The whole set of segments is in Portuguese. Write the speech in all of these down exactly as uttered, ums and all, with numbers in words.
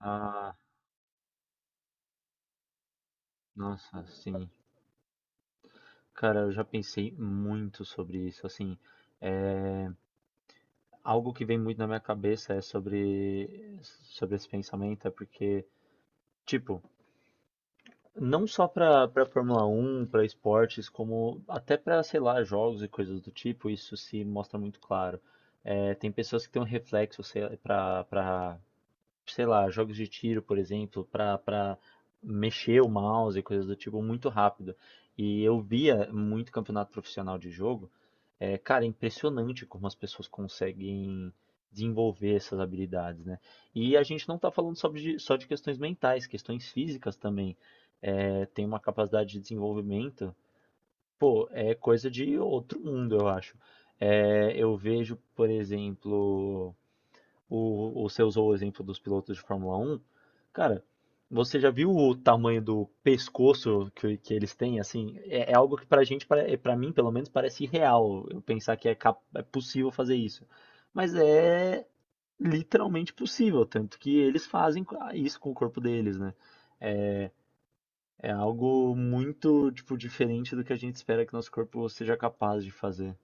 Ah, nossa, sim. Cara, eu já pensei muito sobre isso. Assim, é... algo que vem muito na minha cabeça é sobre, sobre esse pensamento, é porque, tipo, não só pra, pra Fórmula Um, pra esportes, como até pra, sei lá, jogos e coisas do tipo, isso se mostra muito claro. É, tem pessoas que têm um reflexo, sei lá, pra, pra sei lá, jogos de tiro, por exemplo, pra, pra mexer o mouse e coisas do tipo muito rápido. E eu via muito campeonato profissional de jogo. É, cara, é impressionante como as pessoas conseguem desenvolver essas habilidades, né? E a gente não está falando só de, só de questões mentais, questões físicas também. É, tem uma capacidade de desenvolvimento, pô, é coisa de outro mundo, eu acho. É, eu vejo, por exemplo, o, você usou o exemplo dos pilotos de Fórmula um. Cara, você já viu o tamanho do pescoço que, que eles têm? Assim, é, é algo que pra gente, pra, pra mim pelo menos, parece irreal. Eu pensar que é, cap- é possível fazer isso. Mas é literalmente possível, tanto que eles fazem isso com o corpo deles, né? É, é algo muito, tipo, diferente do que a gente espera que nosso corpo seja capaz de fazer.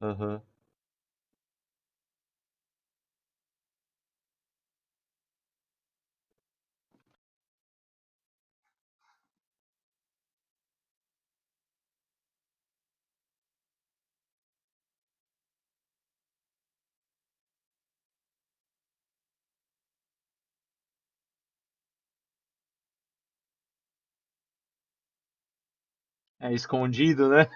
Aham. É escondido, né?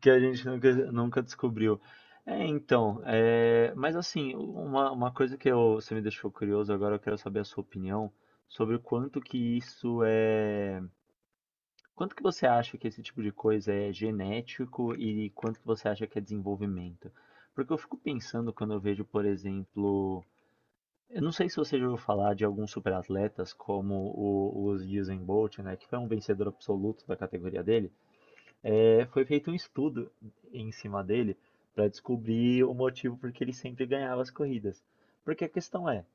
Que a gente nunca, nunca descobriu. É, então, é, mas assim, uma, uma coisa que eu, você me deixou curioso agora, eu quero saber a sua opinião sobre o quanto que isso é, quanto que você acha que esse tipo de coisa é genético e quanto que você acha que é desenvolvimento? Porque eu fico pensando quando eu vejo, por exemplo, eu não sei se você já ouviu falar de alguns superatletas como o, o Usain Bolt, né, que foi um vencedor absoluto da categoria dele. É, foi feito um estudo em cima dele para descobrir o motivo por que ele sempre ganhava as corridas. Porque a questão é,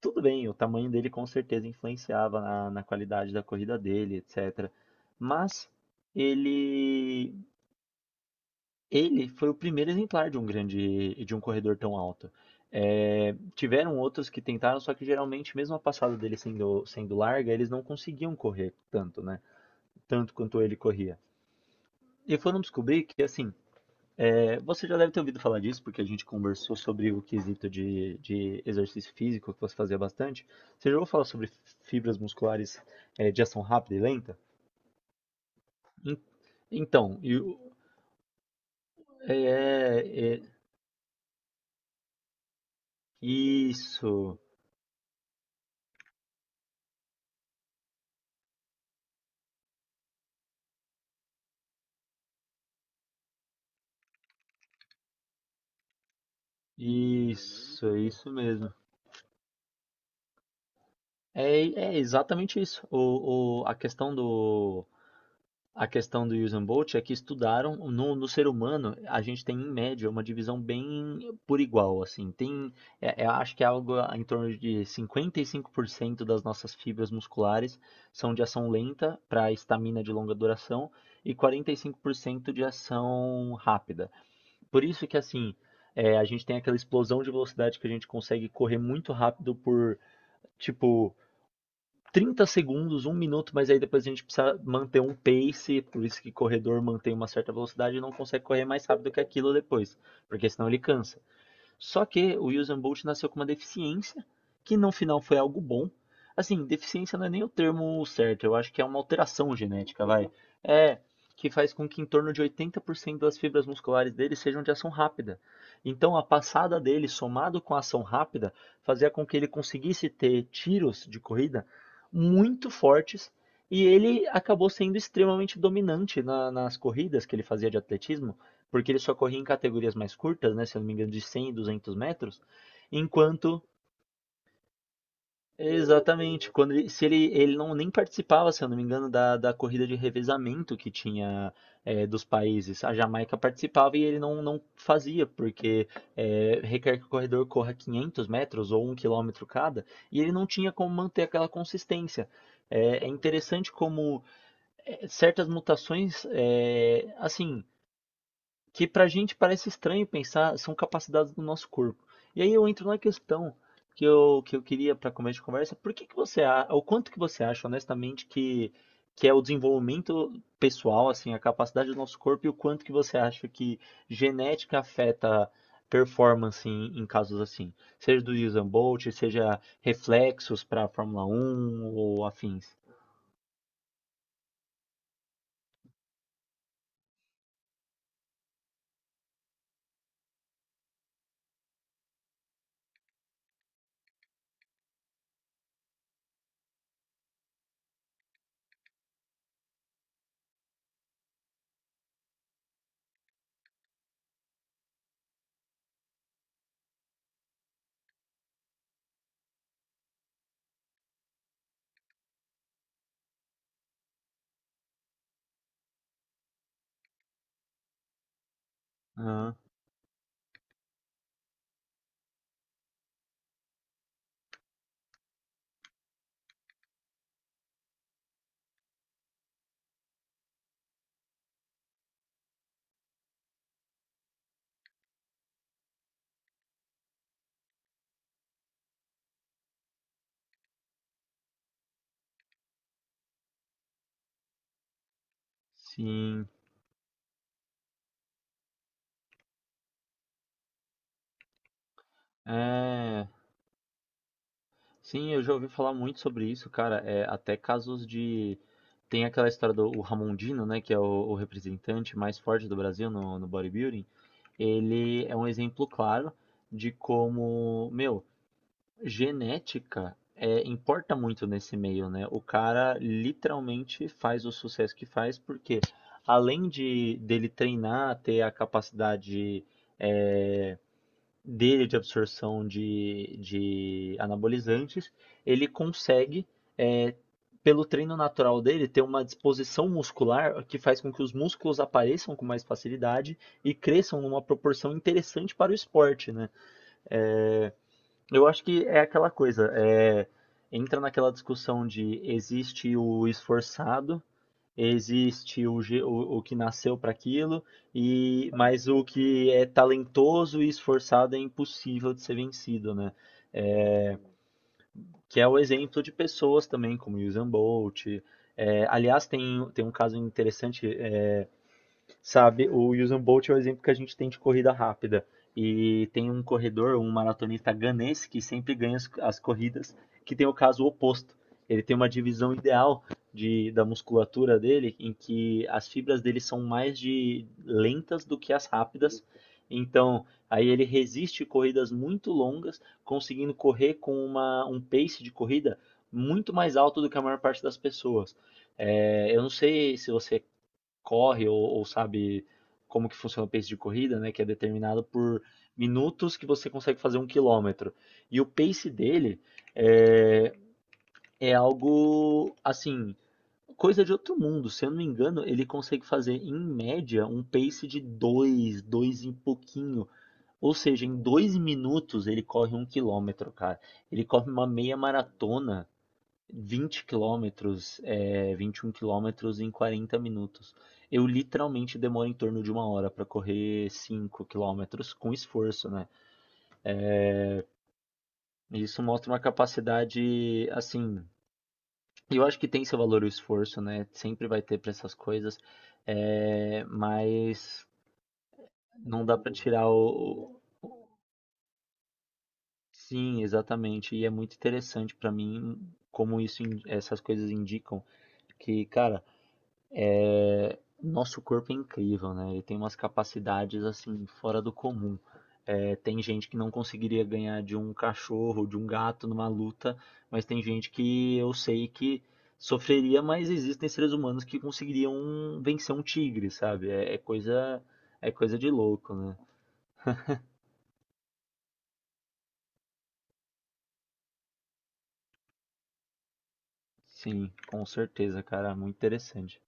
tudo bem, o tamanho dele com certeza influenciava na, na qualidade da corrida dele, etcétera. Mas ele, ele foi o primeiro exemplar de um grande, de um corredor tão alto. É, tiveram outros que tentaram, só que geralmente, mesmo a passada dele sendo, sendo larga, eles não conseguiam correr tanto, né? Tanto quanto ele corria. E foram descobrir que, assim, É, Você já deve ter ouvido falar disso, porque a gente conversou sobre o quesito de, de exercício físico que você fazia bastante. Você já ouviu falar sobre fibras musculares eh, de ação rápida e lenta? Então, e o- é, é, é- isso, isso, é isso mesmo. É, é exatamente isso. O, o- a questão do, a questão do Usain Bolt é que estudaram no, no ser humano. A gente tem em média uma divisão bem por igual, assim, tem, é, é, acho que é algo em torno de cinquenta e cinco por cento das nossas fibras musculares são de ação lenta para estamina de longa duração, e quarenta e cinco por cento de ação rápida. Por isso que, assim, é, a gente tem aquela explosão de velocidade, que a gente consegue correr muito rápido por tipo trinta segundos, um minuto, mas aí depois a gente precisa manter um pace, por isso que corredor mantém uma certa velocidade e não consegue correr mais rápido que aquilo depois, porque senão ele cansa. Só que o Usain Bolt nasceu com uma deficiência, que no final foi algo bom. Assim, deficiência não é nem o termo certo, eu acho que é uma alteração genética, vai. É, que faz com que em torno de oitenta por cento das fibras musculares dele sejam de ação rápida. Então, a passada dele, somado com a ação rápida, fazia com que ele conseguisse ter tiros de corrida muito fortes, e ele acabou sendo extremamente dominante na- nas corridas que ele fazia de atletismo, porque ele só corria em categorias mais curtas, né, se eu não me engano, de cem e duzentos metros. Enquanto Exatamente, quando ele, se ele, ele não nem participava, se eu não me engano, da, da corrida de revezamento que tinha, é, dos países. A Jamaica participava, e ele não, não fazia, porque é, requer que o corredor corra quinhentos metros ou um quilômetro cada, e ele não tinha como manter aquela consistência. É, é interessante como é, certas mutações, é, assim, que para a gente parece estranho pensar, são capacidades do nosso corpo. E aí eu entro na questão que eu, que eu queria para começo de conversa, por que que você, a- o quanto que você acha, honestamente, que, que é o desenvolvimento pessoal, assim, a capacidade do nosso corpo, e o quanto que você acha que genética afeta performance em, em casos assim, seja do Usain Bolt, seja reflexos para Fórmula Um ou afins. Ah, sim. É. Sim, eu já ouvi falar muito sobre isso, cara. É, até casos de. Tem aquela história do o Ramondino, né? Que é o, o representante mais forte do Brasil no, no bodybuilding. Ele é um exemplo claro de como, meu, genética é, importa muito nesse meio, né? O cara literalmente faz o sucesso que faz, porque além de dele treinar, ter a capacidade, é, dele de absorção de, de anabolizantes, ele consegue, é, pelo treino natural dele, ter uma disposição muscular que faz com que os músculos apareçam com mais facilidade e cresçam numa proporção interessante para o esporte, né? É, eu acho que é aquela coisa, é, entra naquela discussão de existe o esforçado, existe o, ge- o, o que nasceu para aquilo, e mas o que é talentoso e esforçado é impossível de ser vencido, né? É, que é o exemplo de pessoas também como Usain Bolt. É, aliás, tem, tem um caso interessante, sabe? O Usain Bolt é o exemplo que a gente tem de corrida rápida. E tem um corredor, um maratonista ganense que sempre ganha as, as corridas, que tem o caso oposto. Ele tem uma divisão ideal de, da musculatura dele, em que as fibras dele são mais de lentas do que as rápidas. Então, aí ele resiste corridas muito longas, conseguindo correr com uma, um pace de corrida muito mais alto do que a maior parte das pessoas. É, eu não sei se você corre ou, ou sabe como que funciona o pace de corrida, né? Que é determinado por minutos que você consegue fazer um quilômetro. E o pace dele é, é algo assim, coisa de outro mundo. Se eu não me engano, ele consegue fazer em média um pace de dois, dois e pouquinho. Ou seja, em dois minutos ele corre um quilômetro, cara. Ele corre uma meia maratona vinte quilômetros, é, vinte e um quilômetros em quarenta minutos. Eu literalmente demoro em torno de uma hora para correr cinco quilômetros com esforço, né? E isso mostra uma capacidade, assim, eu acho que tem seu valor o esforço, né? Sempre vai ter para essas coisas, é, mas não dá para tirar o. o- Sim, exatamente. E é muito interessante para mim como isso, in- essas coisas indicam que, cara, É, nosso corpo é incrível, né? Ele tem umas capacidades assim fora do comum. É, tem gente que não conseguiria ganhar de um cachorro, de um gato numa luta, mas tem gente que eu sei que sofreria, mas existem seres humanos que conseguiriam vencer um tigre, sabe? É, é coisa, é coisa de louco, né? Sim, com certeza, cara, muito interessante.